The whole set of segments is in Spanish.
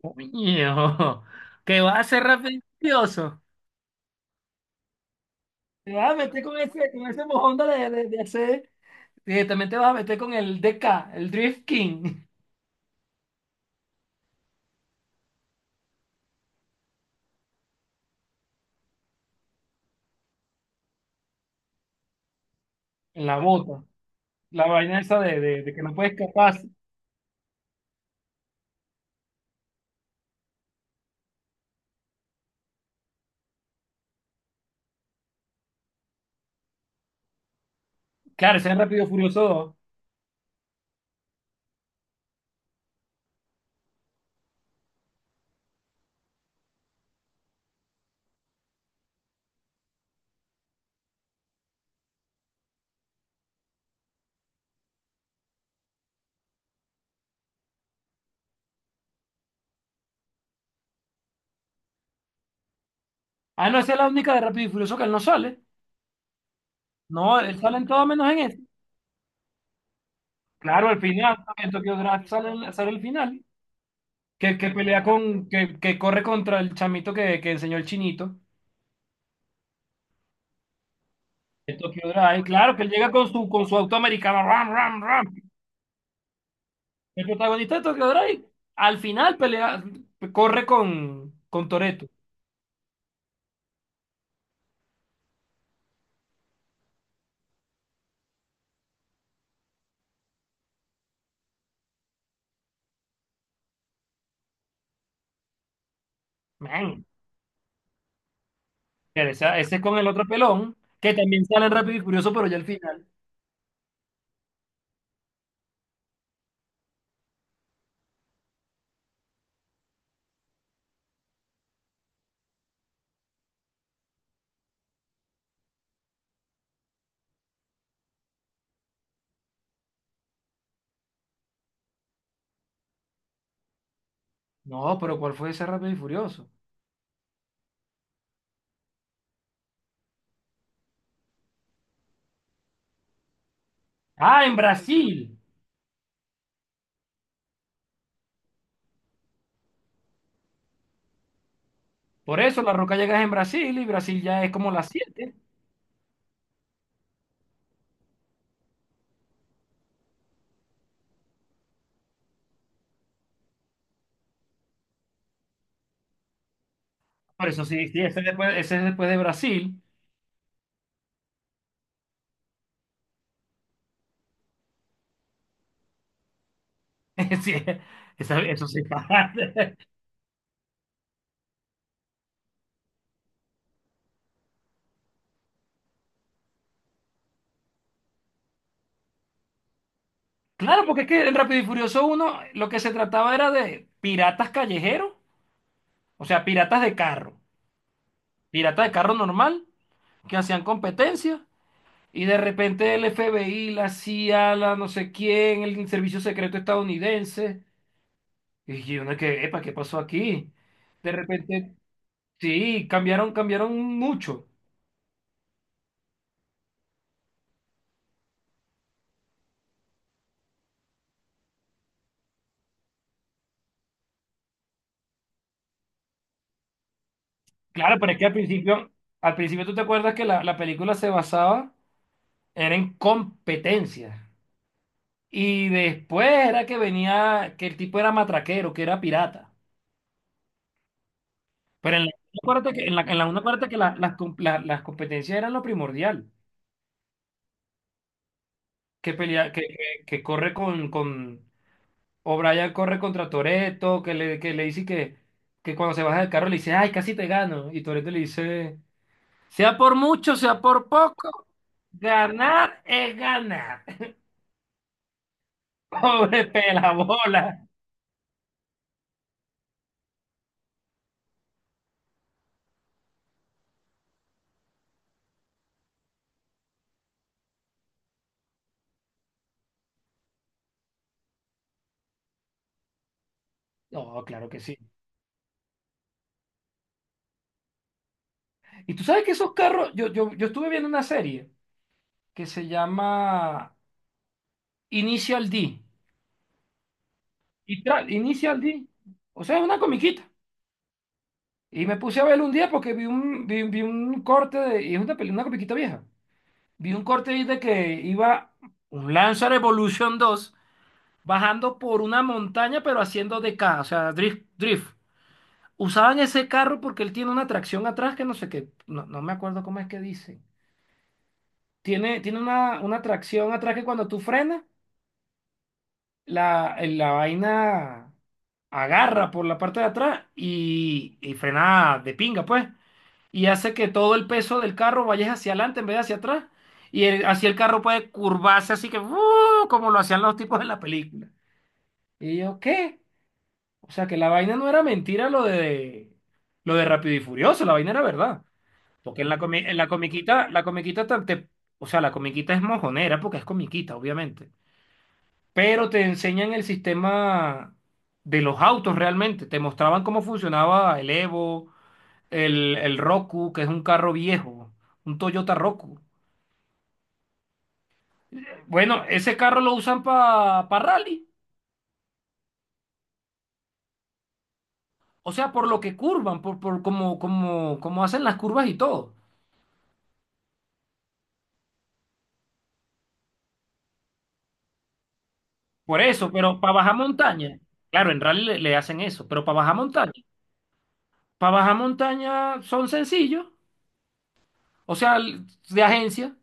Coño, ¿Que va a ser rápido y furioso? Te vas a meter con ese mojón de hacer. Directamente te vas a meter con el DK, el Drift King, en la bota. La vaina esa de que no puedes escapar. Claro, ese es Rápido y Furioso 2. Ah, no, esa es la única de Rápido y Furioso que él no sale. No, él sale en todo menos en ese. Claro, al final, en Tokyo Drift sale, sale el final. Que pelea con, que corre contra el chamito que enseñó el chinito. De Tokyo Drive, claro, que él llega con su auto americano, ram, ram, ram. El protagonista de Tokyo Drive, al final pelea, corre con Toretto. Man, pero ese es con el otro pelón, que también sale en Rápido y Furioso, pero ya al final. No, pero ¿cuál fue ese Rápido y Furioso? Ah, en Brasil. Por eso La Roca llega en Brasil y Brasil ya es como las siete. Por eso sí, sí, ese, después, ese es después de Brasil. Sí, eso sí pasa. Claro, porque es que en Rápido y Furioso uno, lo que se trataba era de piratas callejeros, o sea, piratas de carro normal, que hacían competencia, y de repente el FBI, la CIA, la no sé quién, el servicio secreto estadounidense, y uno que, epa, ¿qué pasó aquí? De repente, sí, cambiaron, cambiaron mucho. Claro, pero es que al principio tú te acuerdas que la película se basaba, era en competencia. Y después era que venía, que el tipo era matraquero, que era pirata. Pero en la, acuérdate que, en la una acuérdate que las competencias eran lo primordial. Que pelea, que corre con O'Brien corre contra Toretto, que le dice que cuando se baja del carro le dice, ay, casi te gano. Y Toretto le dice, sea por mucho, sea por poco, ganar es ganar. Pobre pelabola. No, claro que sí. Y tú sabes que esos carros, yo estuve viendo una serie que se llama Initial D. Initial D. O sea, es una comiquita. Y me puse a verlo un día porque vi un corte de, y es una, una comiquita vieja. Vi un corte ahí de que iba un Lancer Evolution dos bajando por una montaña pero haciendo DK, o sea, drift, drift. Usaban ese carro porque él tiene una tracción atrás que no sé qué, no, no me acuerdo cómo es que dice. Tiene una tracción atrás que cuando tú frenas la, la vaina agarra por la parte de atrás y frena de pinga, pues. Y hace que todo el peso del carro vaya hacia adelante en vez de hacia atrás. Así el carro puede curvarse, así que ¡uh! Como lo hacían los tipos en la película. Y yo, ¿qué? O sea que la vaina no era mentira lo de Rápido y Furioso, la vaina era verdad. Porque en la comiquita, o sea, la comiquita es mojonera porque es comiquita, obviamente, pero te enseñan el sistema de los autos realmente. Te mostraban cómo funcionaba el Evo, el Roku, que es un carro viejo, un Toyota Roku. Bueno, ese carro lo usan para rally, o sea, por lo que curvan, por cómo, como como hacen las curvas y todo. Por eso, pero para bajar montaña, claro, en rally le hacen eso, pero para bajar montaña son sencillos, o sea, de agencia.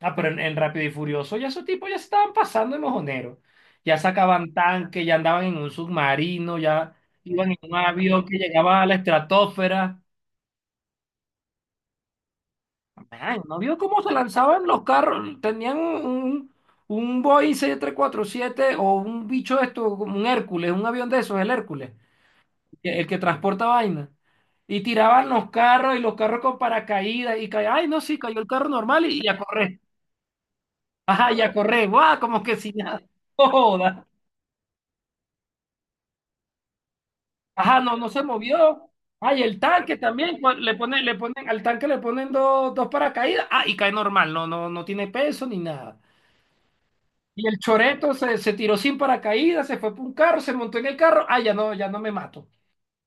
Ah, pero en Rápido y Furioso ya esos tipos ya se estaban pasando de mojoneros. Ya sacaban tanques, ya andaban en un submarino, ya iban en un avión que llegaba a la estratosfera. Man, ¿no vio cómo se lanzaban los carros? Tenían un Boeing 747 o un bicho de esto, como un Hércules, un avión de esos, el Hércules, el que transporta vaina. Y tiraban los carros y los carros con paracaídas y caían. Ay, no, sí, cayó el carro normal y a correr. Ajá, y a correr. ¡Guau! Como que si nada. Joda. Ajá, no, no se movió. Ay, el tanque también, le ponen, al tanque le ponen dos, dos paracaídas. Ah, y cae normal, no, no, no tiene peso ni nada. Y el choreto se, se tiró sin paracaídas, se fue por un carro, se montó en el carro. Ah, ya no, ya no me mato.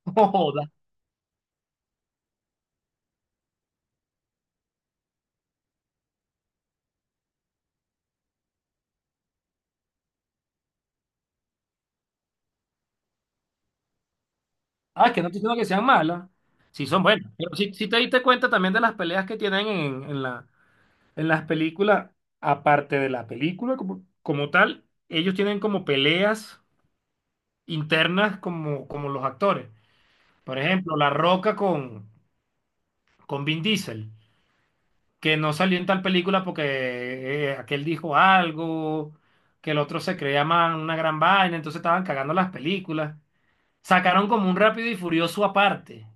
No joda. Ah, que no te digo que sean malas. Sí, son buenas. Pero si, si te diste cuenta también de las peleas que tienen en la, en las películas, aparte de la película como, como tal, ellos tienen como peleas internas como, como los actores. Por ejemplo, La Roca con Vin Diesel, que no salió en tal película porque aquel dijo algo, que el otro se creía una gran vaina, entonces estaban cagando las películas. Sacaron como un Rápido y Furioso aparte,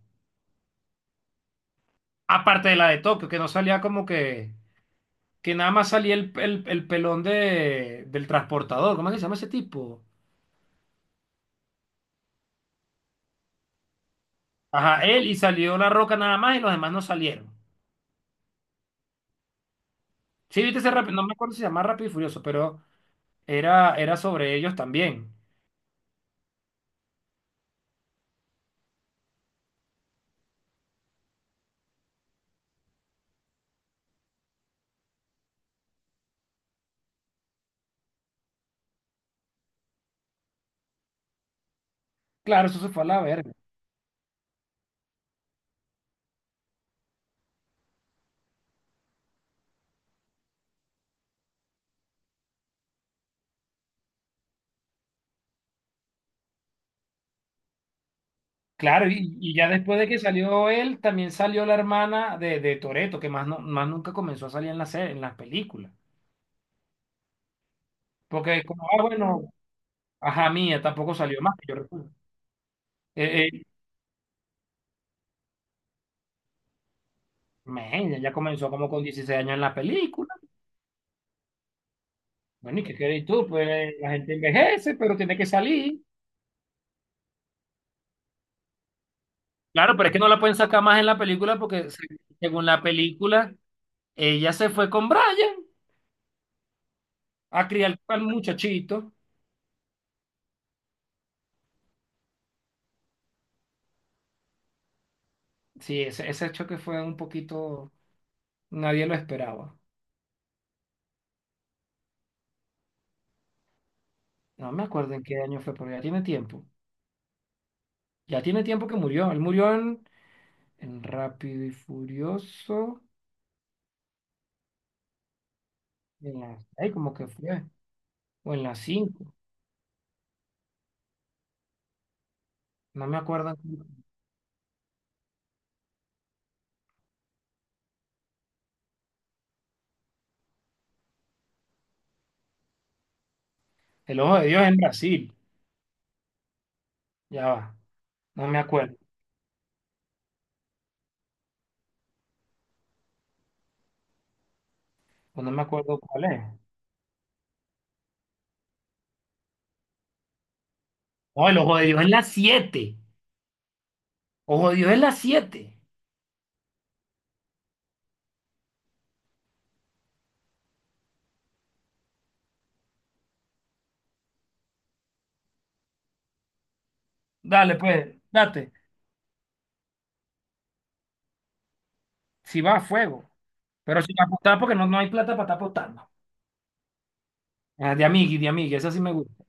aparte de la de Tokio, que no salía como que nada más salía el pelón de, del transportador, ¿cómo es que se llama ese tipo? Ajá, él y salió La Roca nada más y los demás no salieron. Sí, viste ese rápido, no me acuerdo si se llama Rápido y Furioso, pero era, era sobre ellos también. Claro, eso se fue a la verga. Claro, y ya después de que salió él, también salió la hermana de Toretto, que más, no, más nunca comenzó a salir en la serie, en las películas. Porque como, ah, bueno, ajá, mía, tampoco salió más, que yo recuerdo. Eh, eh, men, ella comenzó como con 16 años en la película. Bueno, ¿y qué querés tú? Pues la gente envejece, pero tiene que salir. Claro, pero es que no la pueden sacar más en la película porque según la película, ella se fue con Brian a criar al muchachito. Sí, ese choque fue un poquito. Nadie lo esperaba. No me acuerdo en qué año fue, pero ya tiene tiempo. Ya tiene tiempo que murió. Él murió en Rápido y Furioso. En la 6, como que fue. O en la cinco. No me acuerdo. El Ojo de Dios en Brasil. Ya va. No me acuerdo. O no me acuerdo cuál es. No, el Ojo de Dios en la siete. Ojo de Dios en la siete. Dale, pues, date. Si va a fuego. Pero sin apostar porque no, no hay plata para estar apostando. Ah, de amigui, de amigui. Esa sí me gusta.